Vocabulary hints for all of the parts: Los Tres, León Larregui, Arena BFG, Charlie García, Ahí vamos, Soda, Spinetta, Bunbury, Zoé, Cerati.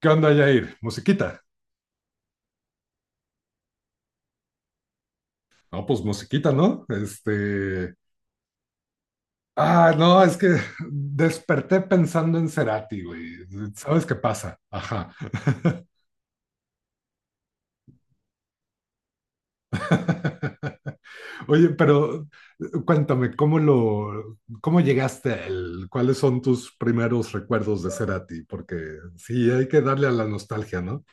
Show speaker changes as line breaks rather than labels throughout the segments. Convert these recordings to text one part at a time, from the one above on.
¿Qué onda, Jair? ¿Musiquita? No, pues musiquita, ¿no? Este. Ah, no, es que desperté pensando en Cerati, güey. ¿Sabes qué pasa? Ajá. Oye, pero cuéntame, ¿cómo llegaste a él? ¿Cuáles son tus primeros recuerdos de Cerati? Porque sí, hay que darle a la nostalgia, ¿no?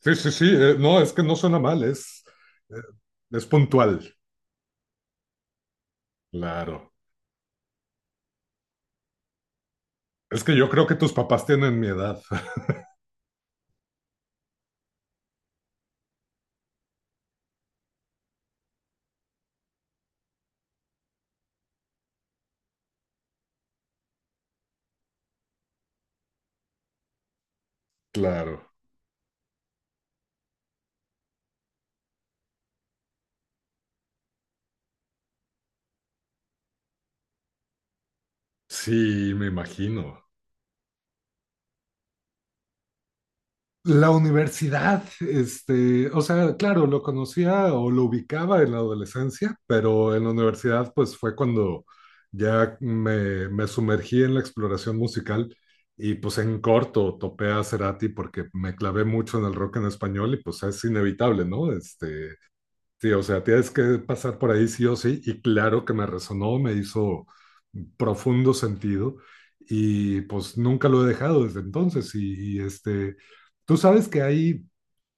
Sí, sí, sí. No, es que no suena mal, eh, es puntual. Claro. Es que yo creo que tus papás tienen mi edad. Claro. Sí, me imagino. La universidad, este, o sea, claro, lo conocía o lo ubicaba en la adolescencia, pero en la universidad pues fue cuando ya me sumergí en la exploración musical, y pues en corto topé a Cerati porque me clavé mucho en el rock en español y pues es inevitable, ¿no? Este, sí, o sea, tienes que pasar por ahí sí o sí, y claro que me resonó, me hizo profundo sentido, y pues nunca lo he dejado desde entonces. Y este, tú sabes que hay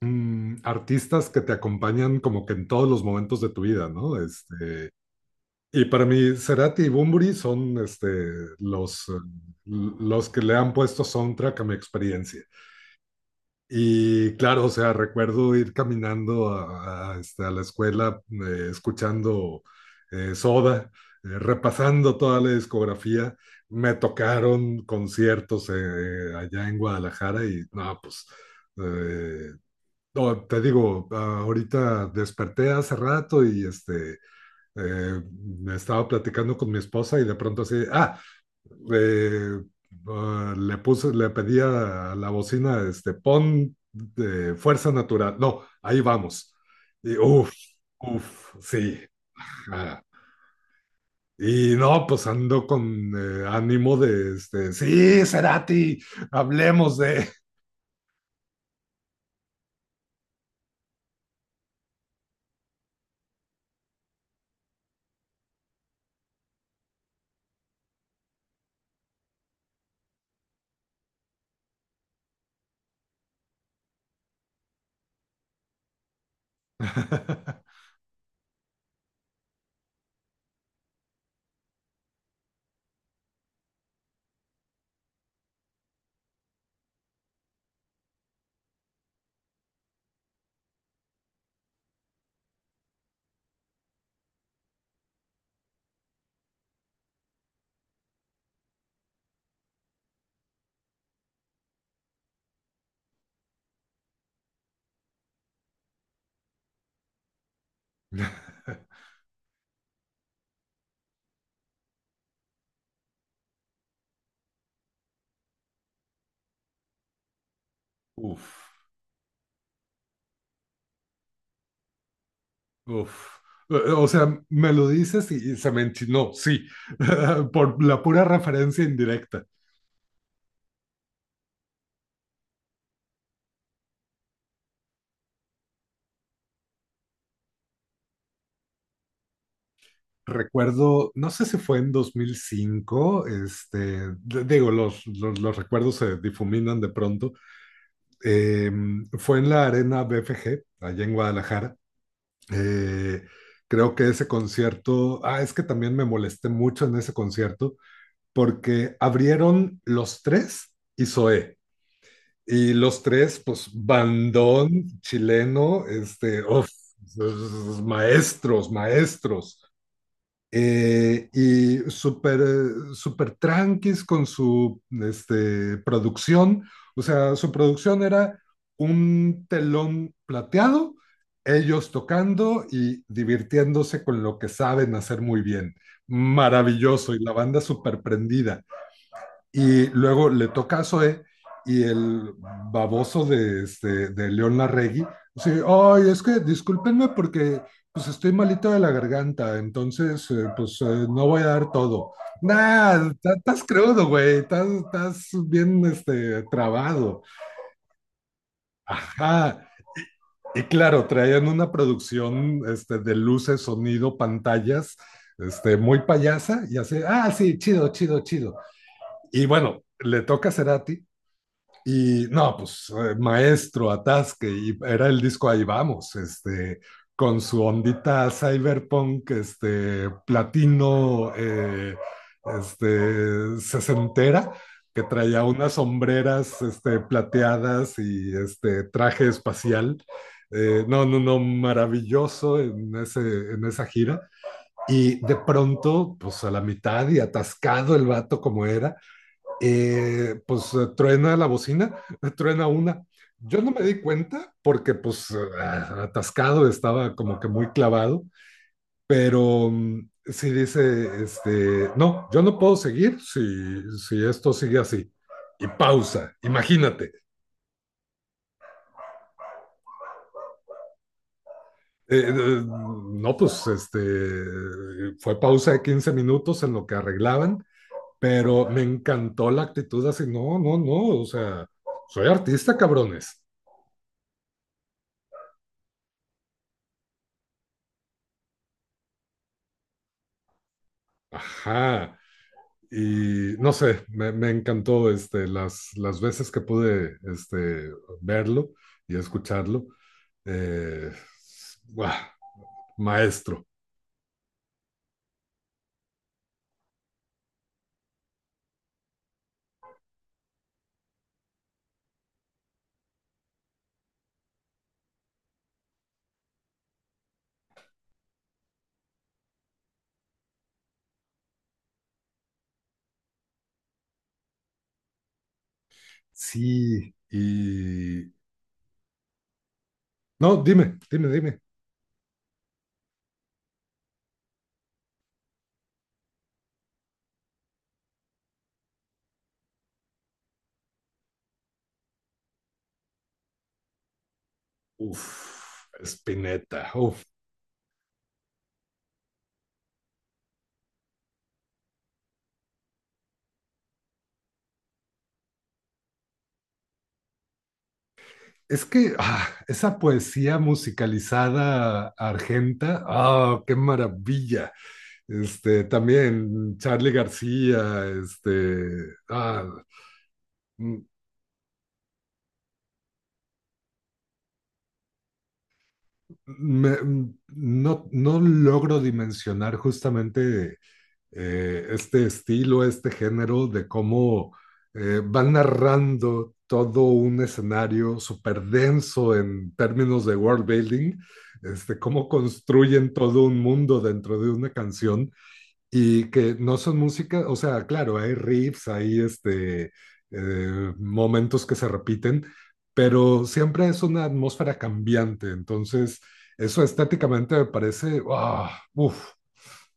artistas que te acompañan como que en todos los momentos de tu vida, ¿no? Este, y para mí, Cerati y Bunbury son este, los, eh, los que le han puesto soundtrack a mi experiencia. Y claro, o sea, recuerdo ir caminando a la escuela, escuchando, Soda, repasando toda la discografía. Me tocaron conciertos, allá en Guadalajara y no, pues, eh, no, te digo, ahorita desperté hace rato y este, eh, estaba platicando con mi esposa y de pronto así, eh, le pedía a la bocina, este, pon de Fuerza Natural. No, Ahí vamos. Y uff, uff, sí. Ah, y no, pues ando con ánimo de, este, sí, Cerati, hablemos de... Uf, uf. O sea, me lo dices y se me enchinó, sí, por la pura referencia indirecta. Recuerdo, no sé si fue en 2005, este, digo, los recuerdos se difuminan de pronto. Eh, Fue en la Arena BFG, allá en Guadalajara. Eh, Creo que ese concierto, ah, es que también me molesté mucho en ese concierto porque abrieron Los Tres y Zoé. Y Los Tres, pues, bandón chileno, este, uf, maestros, maestros, y súper, súper tranquis con su este, producción. O sea, su producción era un telón plateado, ellos tocando y divirtiéndose con lo que saben hacer muy bien. Maravilloso, y la banda súper prendida. Y luego le toca a Zoe y el baboso de, este, de León Larregui. Sí, ay, es que discúlpenme porque pues estoy malito de la garganta, entonces, pues, no voy a dar todo. Nah, estás crudo, güey, estás bien este, trabado. Ajá. Y claro, traían una producción este, de luces, sonido, pantallas, este, muy payasa, y así, ah, sí, chido, chido, chido. Y bueno, le toca a Cerati. Y no, pues, maestro, atasque, y era el disco Ahí Vamos, este, con su ondita cyberpunk, este, platino, este, sesentera, que traía unas sombreras, este, plateadas y este traje espacial. No, no, no, maravilloso en, en esa gira. Y de pronto, pues a la mitad y atascado el vato como era, pues, truena la bocina, truena una. Yo no me di cuenta porque pues, atascado estaba como que muy clavado, pero, sí dice, este, no, yo no puedo seguir si esto sigue así. Y pausa, imagínate. Eh, eh, no, pues este, fue pausa de 15 minutos en lo que arreglaban, pero me encantó la actitud así, no, no, no, o sea, soy artista, cabrones. Ajá. Y no sé, me encantó este, las veces que pude este, verlo y escucharlo. Eh, ¡Buah! Maestro. Sí, y... No, dime, dime, dime. Uf, Spinetta, uf. Es que, esa poesía musicalizada argenta, qué maravilla. Este, también Charlie García. Este, ah, mm, Me- mm, no, no logro dimensionar justamente, este estilo, este género de cómo, van narrando todo un escenario súper denso en términos de world building, este, cómo construyen todo un mundo dentro de una canción y que no son música, o sea, claro, hay riffs, hay momentos que se repiten, pero siempre es una atmósfera cambiante, entonces eso estéticamente me parece,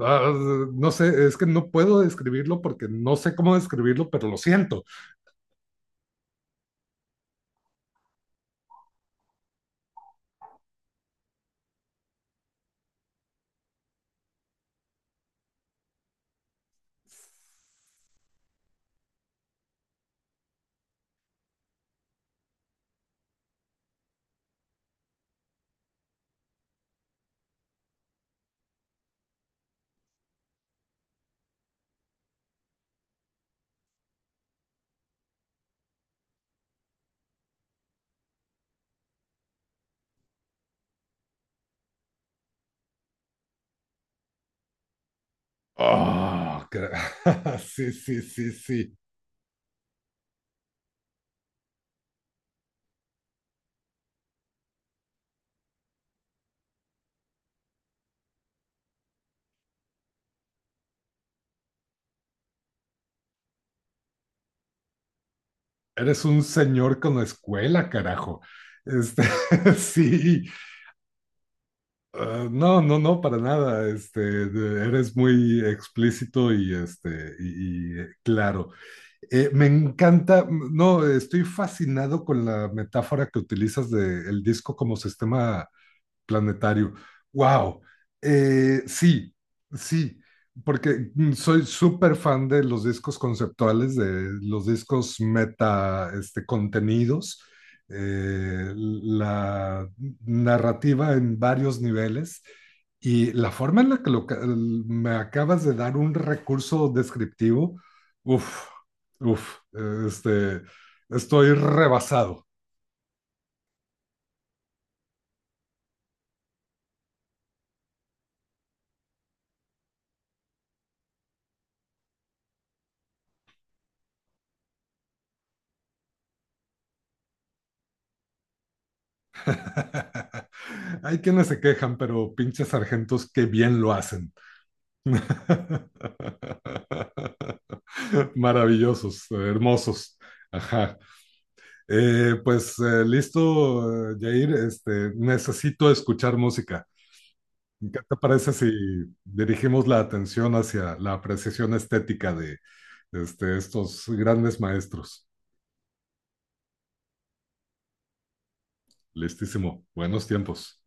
ah, no sé, es que no puedo describirlo porque no sé cómo describirlo, pero lo siento. Ah, sí, sí, sí, sí. Eres un señor con escuela, carajo. Este, sí. Ah, no, no, no, para nada. Este, eres muy explícito, y claro. Me encanta, no, estoy fascinado con la metáfora que utilizas del disco como sistema planetario. ¡Wow! Sí, sí, porque soy súper fan de los discos conceptuales, de los discos meta, este, contenidos, la narrativa en varios niveles. Y la forma en la que me acabas de dar un recurso descriptivo, uff, uff, este, estoy rebasado. Hay quienes se quejan, pero pinches sargentos que bien lo hacen. Maravillosos, hermosos. Ajá. Pues listo, Jair. Este, necesito escuchar música. ¿Qué te parece si dirigimos la atención hacia la apreciación estética de estos grandes maestros? Listísimo. Buenos tiempos.